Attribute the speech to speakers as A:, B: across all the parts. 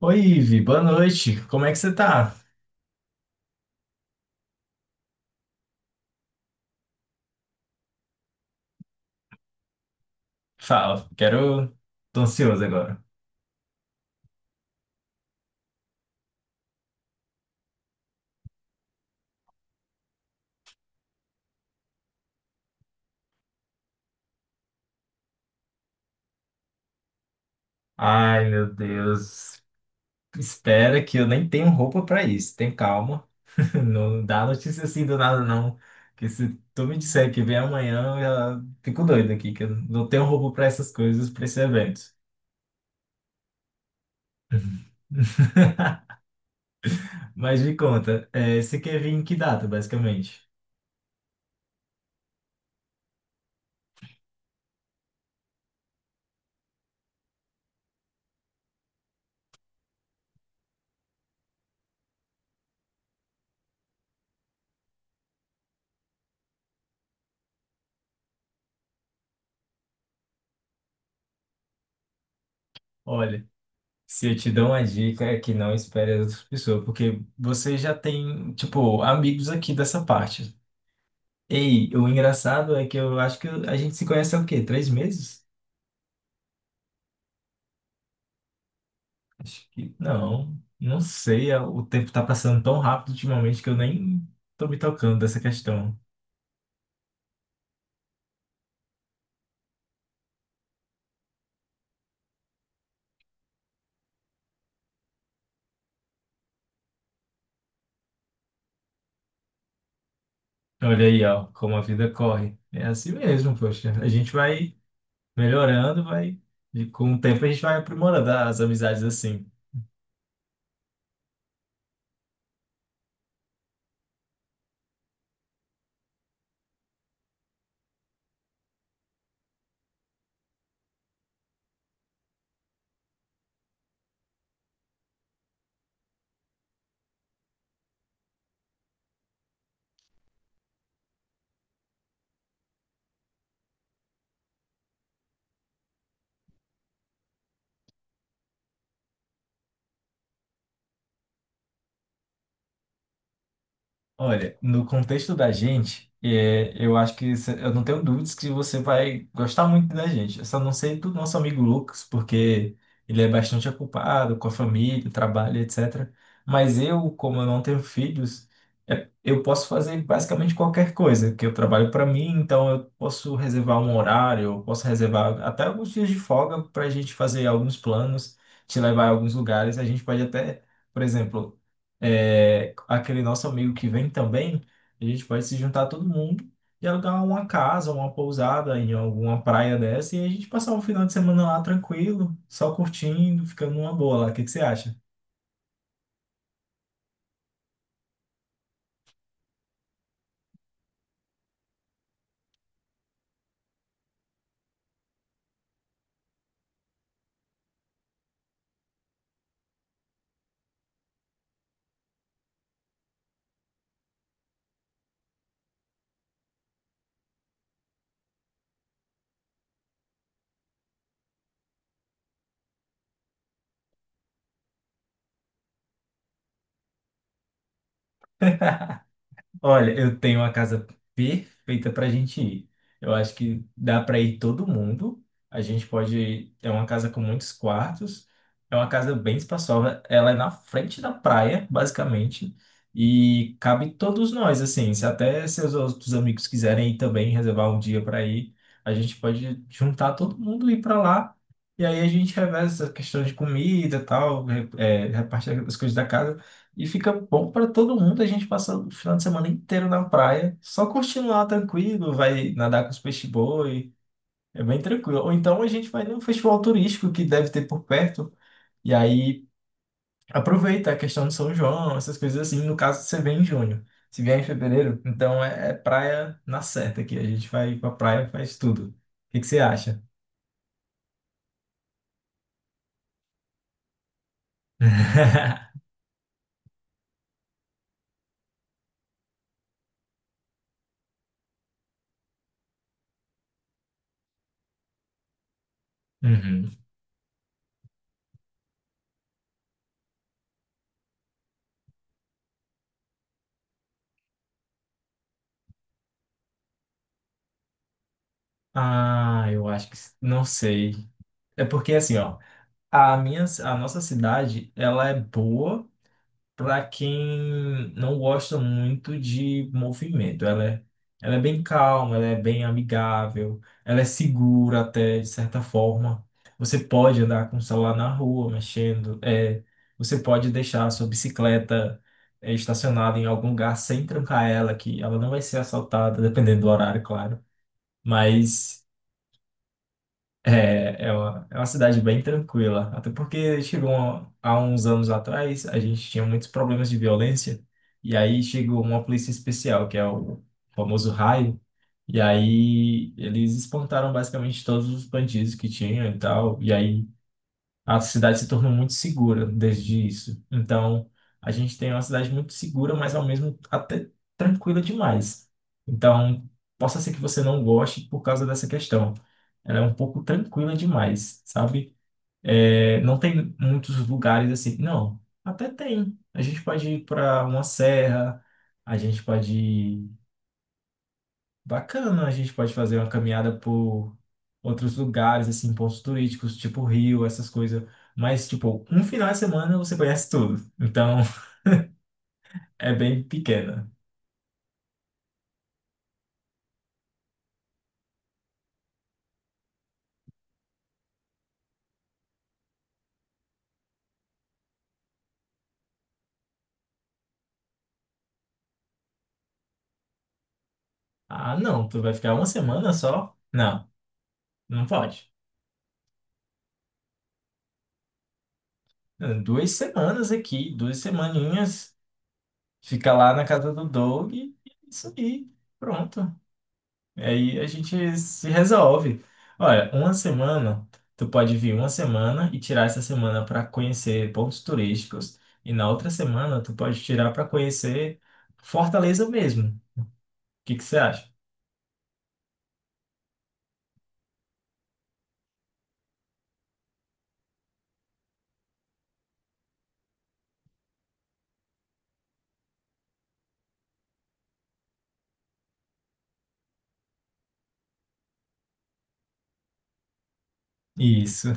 A: Oi, Ivi, boa noite. Como é que você tá? Fala, quero. Tô ansioso agora. Ai, meu Deus. Espera que eu nem tenho roupa pra isso. Tem calma. Não dá notícia assim do nada, não. Que se tu me disser que vem amanhã, eu já fico doido aqui, que eu não tenho roupa pra essas coisas, pra esse evento. Mas me conta, você quer vir em que data, basicamente? Olha, se eu te dou uma dica é que não espere as outras pessoas, porque você já tem, tipo, amigos aqui dessa parte. Ei, o engraçado é que eu acho que a gente se conhece há o quê? Três meses? Acho que não, não sei. O tempo tá passando tão rápido ultimamente que eu nem tô me tocando dessa questão. Olha aí, ó, como a vida corre. É assim mesmo, poxa. A gente vai melhorando, vai. E com o tempo a gente vai aprimorando as amizades assim. Olha, no contexto da gente, eu acho que eu não tenho dúvidas que você vai gostar muito da gente. Eu só não sei do nosso amigo Lucas, porque ele é bastante ocupado com a família, trabalho, etc. Mas eu, como eu não tenho filhos, eu posso fazer basicamente qualquer coisa, que eu trabalho para mim, então eu posso reservar um horário, eu posso reservar até alguns dias de folga para a gente fazer alguns planos, te levar a alguns lugares. A gente pode até, por exemplo, aquele nosso amigo que vem também, a gente pode se juntar todo mundo e alugar uma casa, uma pousada em alguma praia dessa e a gente passar um final de semana lá tranquilo, só curtindo, ficando numa boa lá. O que que você acha? Olha, eu tenho uma casa perfeita pra gente ir. Eu acho que dá pra ir todo mundo. A gente pode. É uma casa com muitos quartos. É uma casa bem espaçosa. Ela é na frente da praia, basicamente. E cabe todos nós, assim. Se até seus outros amigos quiserem ir também, reservar um dia pra ir, a gente pode juntar todo mundo e ir pra lá. E aí a gente reveza essa questão de comida e tal, reparte as coisas da casa. E fica bom para todo mundo. A gente passa o final de semana inteiro na praia, só curtindo lá tranquilo, vai nadar com os peixe-boi, é bem tranquilo. Ou então a gente vai num festival turístico que deve ter por perto, e aí aproveita a questão de São João, essas coisas assim. No caso, você vem em junho, se vier em fevereiro, então é praia na certa aqui. A gente vai pra praia, faz tudo. O que que você acha? Uhum. Ah, eu acho que não sei. É porque assim, ó. A nossa cidade, ela é boa para quem não gosta muito de movimento. Ela é bem calma, ela é bem amigável, ela é segura até, de certa forma. Você pode andar com o celular na rua, mexendo. Você pode deixar a sua bicicleta estacionada em algum lugar sem trancar ela, que ela não vai ser assaltada, dependendo do horário, claro. Mas é uma cidade bem tranquila. Até porque há uns anos atrás, a gente tinha muitos problemas de violência, e aí chegou uma polícia especial, que é o famoso raio, e aí eles espantaram basicamente todos os bandidos que tinham e tal. E aí a cidade se tornou muito segura desde isso. Então, a gente tem uma cidade muito segura, mas ao mesmo até tranquila demais. Então, possa ser que você não goste por causa dessa questão. Ela é um pouco tranquila demais, sabe? É, não tem muitos lugares assim. Não, até tem. A gente pode ir para uma serra, a gente pode ir. Bacana, a gente pode fazer uma caminhada por outros lugares, assim, pontos turísticos, tipo Rio, essas coisas. Mas, tipo, um final de semana você conhece tudo. Então, é bem pequena. Ah, não, tu vai ficar uma semana só? Não, não pode. Duas semanas aqui, duas semaninhas, fica lá na casa do Doug e é isso aí, pronto. E aí a gente se resolve. Olha, uma semana, tu pode vir uma semana e tirar essa semana para conhecer pontos turísticos. E na outra semana, tu pode tirar para conhecer Fortaleza mesmo. O que que você acha? Isso.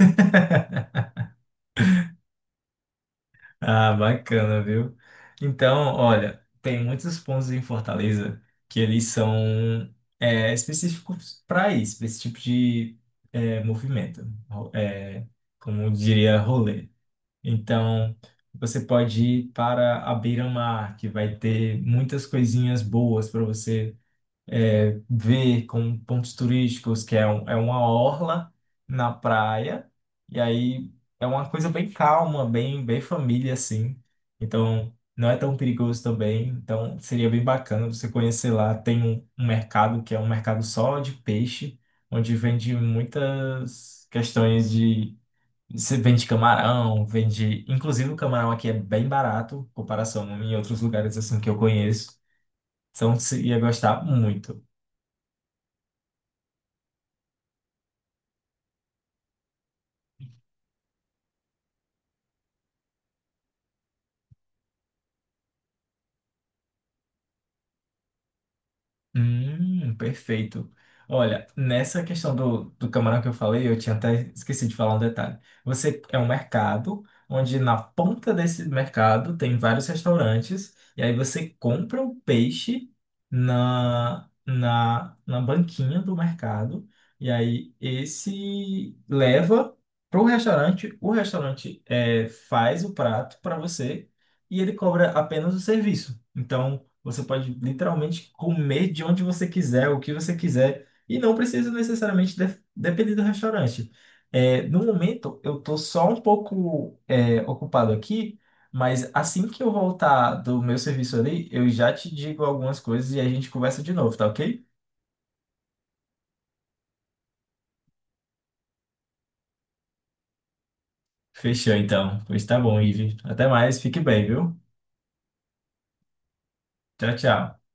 A: Ah, bacana, viu? Então, olha, tem muitos pontos em Fortaleza que eles são específicos para isso, para esse tipo de movimento, ro- é, como eu diria, rolê. Então, você pode ir para a beira-mar, que vai ter muitas coisinhas boas para você ver como pontos turísticos, é uma orla na praia, e aí é uma coisa bem calma, bem, bem família, assim. Então, não é tão perigoso também. Então, seria bem bacana você conhecer lá. Um mercado que é um mercado só de peixe, onde vende muitas questões de. Você vende camarão, vende. Inclusive, o camarão aqui é bem barato, em comparação em outros lugares assim que eu conheço. Então, você ia gostar muito. Perfeito. Olha, nessa questão do camarão que eu falei, eu tinha até esquecido de falar um detalhe. Você é um mercado onde na ponta desse mercado tem vários restaurantes, e aí você compra o peixe na banquinha do mercado, e aí esse leva para o restaurante faz o prato para você e ele cobra apenas o serviço. Então, você pode literalmente comer de onde você quiser, o que você quiser, e não precisa necessariamente depender do restaurante. É, no momento, eu estou só um pouco ocupado aqui, mas assim que eu voltar do meu serviço ali, eu já te digo algumas coisas e a gente conversa de novo, tá ok? Fechou então. Pois tá bom, Ivi. Até mais, fique bem, viu? Tchau, tchau.